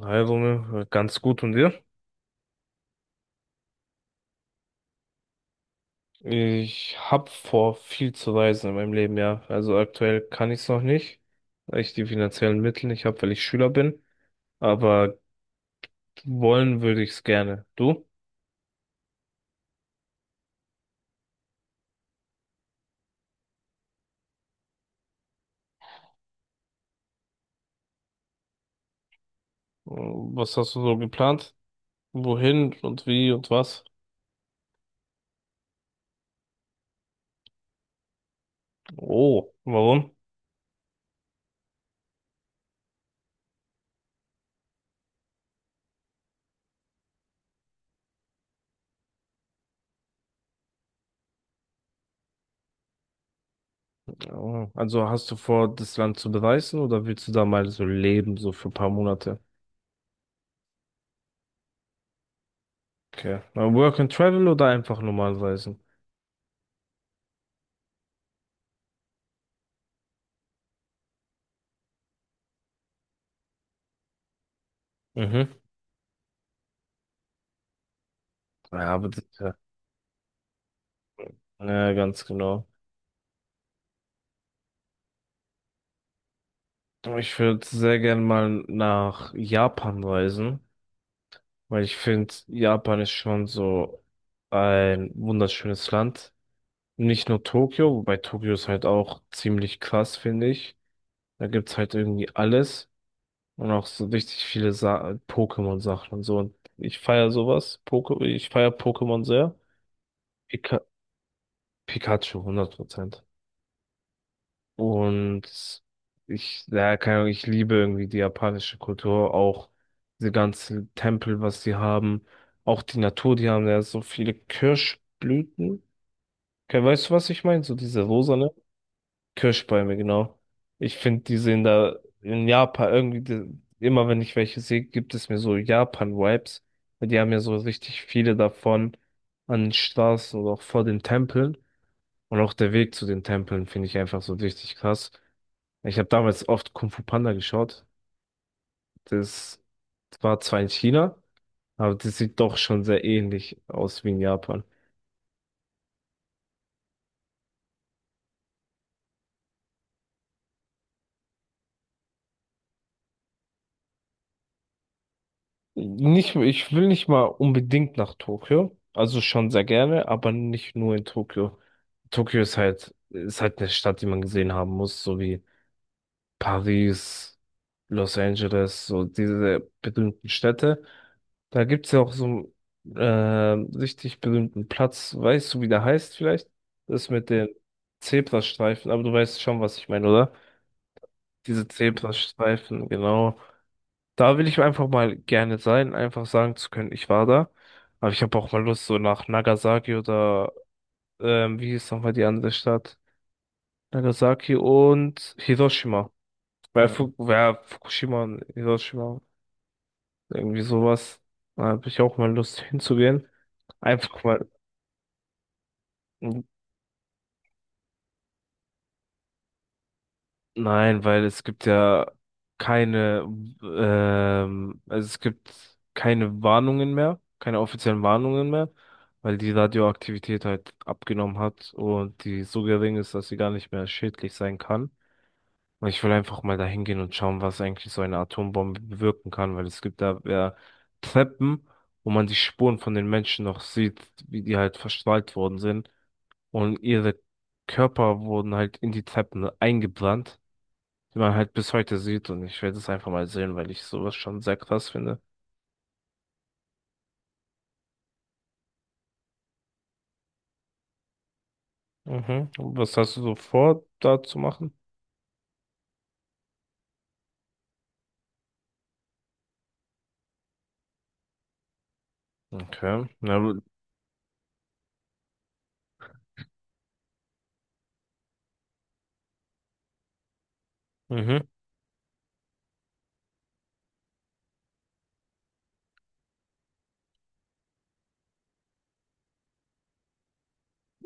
Also, ne, ganz gut und dir? Ich hab vor, viel zu reisen in meinem Leben, ja. Also aktuell kann ich es noch nicht, weil ich die finanziellen Mittel nicht habe, weil ich Schüler bin. Aber wollen würde ich es gerne. Du? Was hast du so geplant? Wohin und wie und was? Oh, warum? Oh, also hast du vor, das Land zu bereisen oder willst du da mal so leben, so für ein paar Monate? Okay. Mal Work and Travel oder einfach normal reisen? Mhm. Ja, aber das, ja, ganz genau. Ich würde sehr gern mal nach Japan reisen, weil ich finde, Japan ist schon so ein wunderschönes Land. Nicht nur Tokio, wobei Tokio ist halt auch ziemlich krass, finde ich. Da gibt's halt irgendwie alles und auch so richtig viele Pokémon-Sachen und so. Und ich feiere sowas. Poke Ich feiere Pokémon sehr. Pika Pikachu, 100%. Und ich, ja, keine Ahnung, ich liebe irgendwie die japanische Kultur, auch diese ganzen Tempel, was sie haben, auch die Natur, die haben ja so viele Kirschblüten. Okay, weißt du, was ich meine? So diese rosane Kirschbäume, genau. Ich finde, die sehen da in Japan irgendwie, die, immer wenn ich welche sehe, gibt es mir so Japan-Vibes. Die haben ja so richtig viele davon an den Straßen oder auch vor den Tempeln. Und auch der Weg zu den Tempeln finde ich einfach so richtig krass. Ich habe damals oft Kung Fu Panda geschaut. Das war zwar in China, aber das sieht doch schon sehr ähnlich aus wie in Japan. Nicht, ich will nicht mal unbedingt nach Tokio. Also schon sehr gerne, aber nicht nur in Tokio. Tokio ist halt eine Stadt, die man gesehen haben muss, so wie Paris, Los Angeles, so diese berühmten Städte. Da gibt's ja auch so einen richtig berühmten Platz. Weißt du, wie der heißt vielleicht? Das mit den Zebrastreifen, aber du weißt schon, was ich meine, oder? Diese Zebrastreifen, genau. Da will ich einfach mal gerne sein, einfach sagen zu können, ich war da. Aber ich habe auch mal Lust, so nach Nagasaki oder wie hieß nochmal die andere Stadt? Nagasaki und Hiroshima. Weil, ja, Fu ja, Fukushima und Hiroshima, irgendwie sowas. Da habe ich auch mal Lust hinzugehen. Einfach mal. Nein, weil es gibt ja keine, also es gibt keine Warnungen mehr, keine offiziellen Warnungen mehr, weil die Radioaktivität halt abgenommen hat und die so gering ist, dass sie gar nicht mehr schädlich sein kann. Ich will einfach mal dahin gehen und schauen, was eigentlich so eine Atombombe bewirken kann, weil es gibt da ja Treppen, wo man die Spuren von den Menschen noch sieht, wie die halt verstrahlt worden sind. Und ihre Körper wurden halt in die Treppen eingebrannt, die man halt bis heute sieht. Und ich werde es einfach mal sehen, weil ich sowas schon sehr krass finde. Mhm. Und was hast du so vor, da zu machen? Okay. Na. Mhm.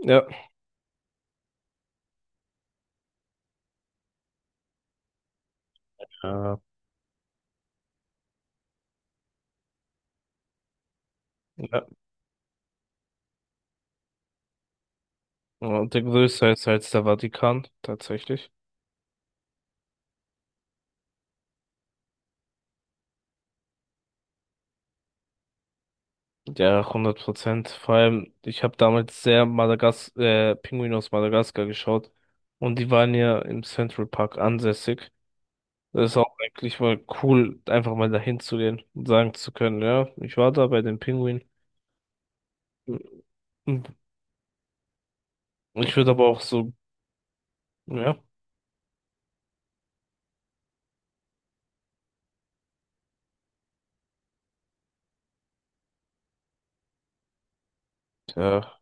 Ja. Ja. Ja. Und der größte ist halt der Vatikan, tatsächlich. Ja, 100%. Vor allem, ich habe damals sehr Madagas Pinguin aus Madagaskar geschaut und die waren ja im Central Park ansässig. Das ist auch eigentlich mal cool, einfach mal dahin zu gehen und sagen zu können, ja, ich war da bei den Pinguinen. Ich würde aber auch so, ja. Ja.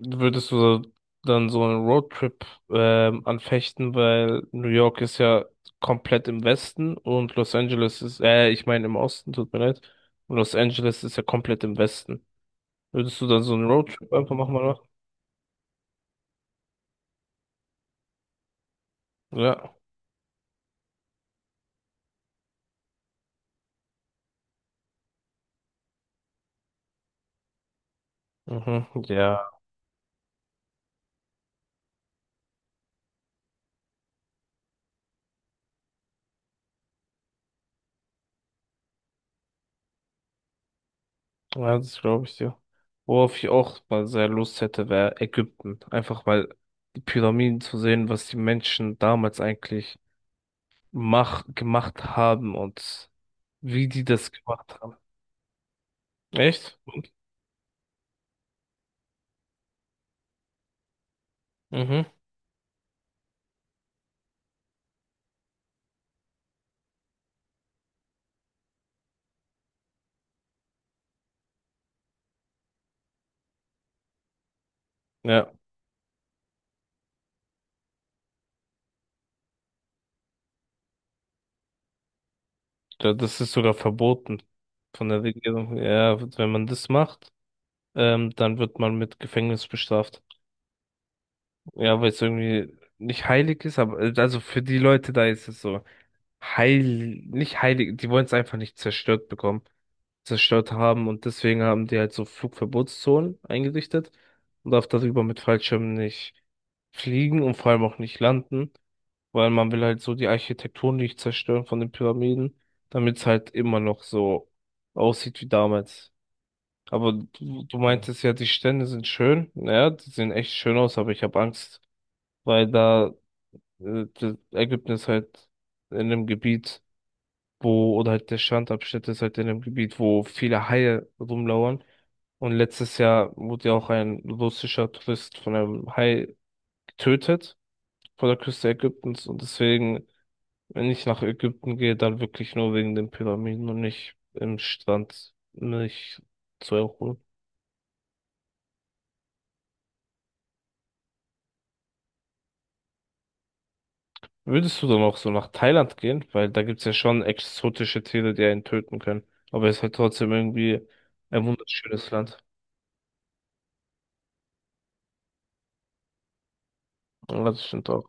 Würdest du dann so einen Roadtrip anfechten, weil New York ist ja komplett im Westen und Los Angeles ist, ich meine im Osten, tut mir leid. Und Los Angeles ist ja komplett im Westen. Würdest du dann so einen Roadtrip einfach machen mal machen? Ja. Mhm. Ja. Ja, das glaube ich dir. Worauf ich auch mal sehr Lust hätte, wäre Ägypten. Einfach mal die Pyramiden zu sehen, was die Menschen damals eigentlich mach gemacht haben und wie die das gemacht haben. Echt? Mhm. Ja, da- das ist sogar verboten von der Regierung. Ja, wenn man das macht, dann wird man mit Gefängnis bestraft. Ja, weil es irgendwie nicht heilig ist, aber also für die Leute da ist es so heil, nicht heilig, die wollen es einfach nicht zerstört bekommen, zerstört haben und deswegen haben die halt so Flugverbotszonen eingerichtet. Man darf darüber mit Fallschirmen nicht fliegen und vor allem auch nicht landen. Weil man will halt so die Architektur nicht zerstören von den Pyramiden, damit es halt immer noch so aussieht wie damals. Aber du, ja, meintest ja, die Stände sind schön. Ja, die sehen echt schön aus, aber ich habe Angst, weil da das Ägypten ist halt in einem Gebiet, wo, oder halt der Strandabschnitt ist halt in einem Gebiet, wo viele Haie rumlauern. Und letztes Jahr wurde ja auch ein russischer Tourist von einem Hai getötet vor der Küste Ägyptens und deswegen, wenn ich nach Ägypten gehe, dann wirklich nur wegen den Pyramiden und nicht im Strand mich zu erholen. Würdest du dann auch so nach Thailand gehen? Weil da gibt's ja schon exotische Tiere, die einen töten können. Aber es ist halt trotzdem irgendwie ein wunderschönes Land. Ja, das stimmt auch.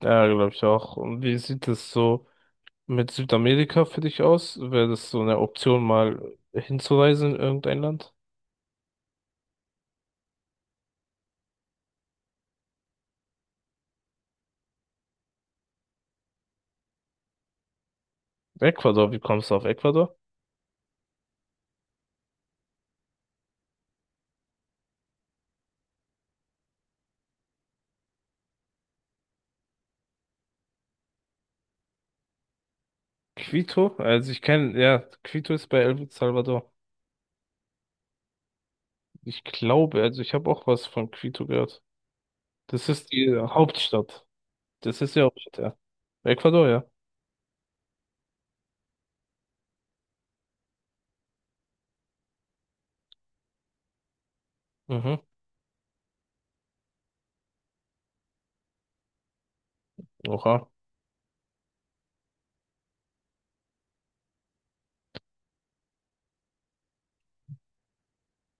Ja, glaube ich auch. Und wie sieht es so mit Südamerika für dich aus? Wäre das so eine Option, mal hinzureisen in irgendein Land? Ecuador, wie kommst du auf Ecuador? Quito? Also ich kenne, ja, Quito ist bei El Salvador. Ich glaube, also ich habe auch was von Quito gehört. Das ist die Hauptstadt. Das ist die Hauptstadt, ja. Ecuador, ja. Mhm. Oha.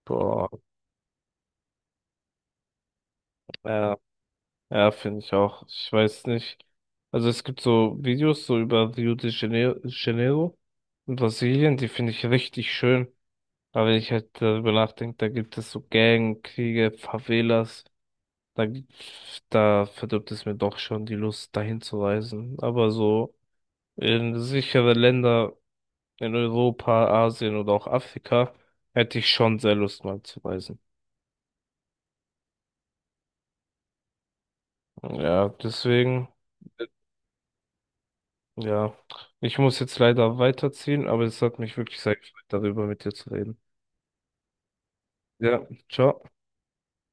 Boah. Ja, ja, finde ich auch. Ich weiß nicht. Also es gibt so Videos so über Rio de Janeiro in Brasilien, die finde ich richtig schön. Aber wenn ich halt darüber nachdenke, da gibt es so Gangkriege, Favelas. Da, da verdirbt es mir doch schon die Lust, dahin zu reisen. Aber so in sichere Länder in Europa, Asien oder auch Afrika, hätte ich schon sehr Lust mal zu reisen. Ja, deswegen, ja, ich muss jetzt leider weiterziehen, aber es hat mich wirklich sehr gefreut, darüber mit dir zu reden. Ja, ciao.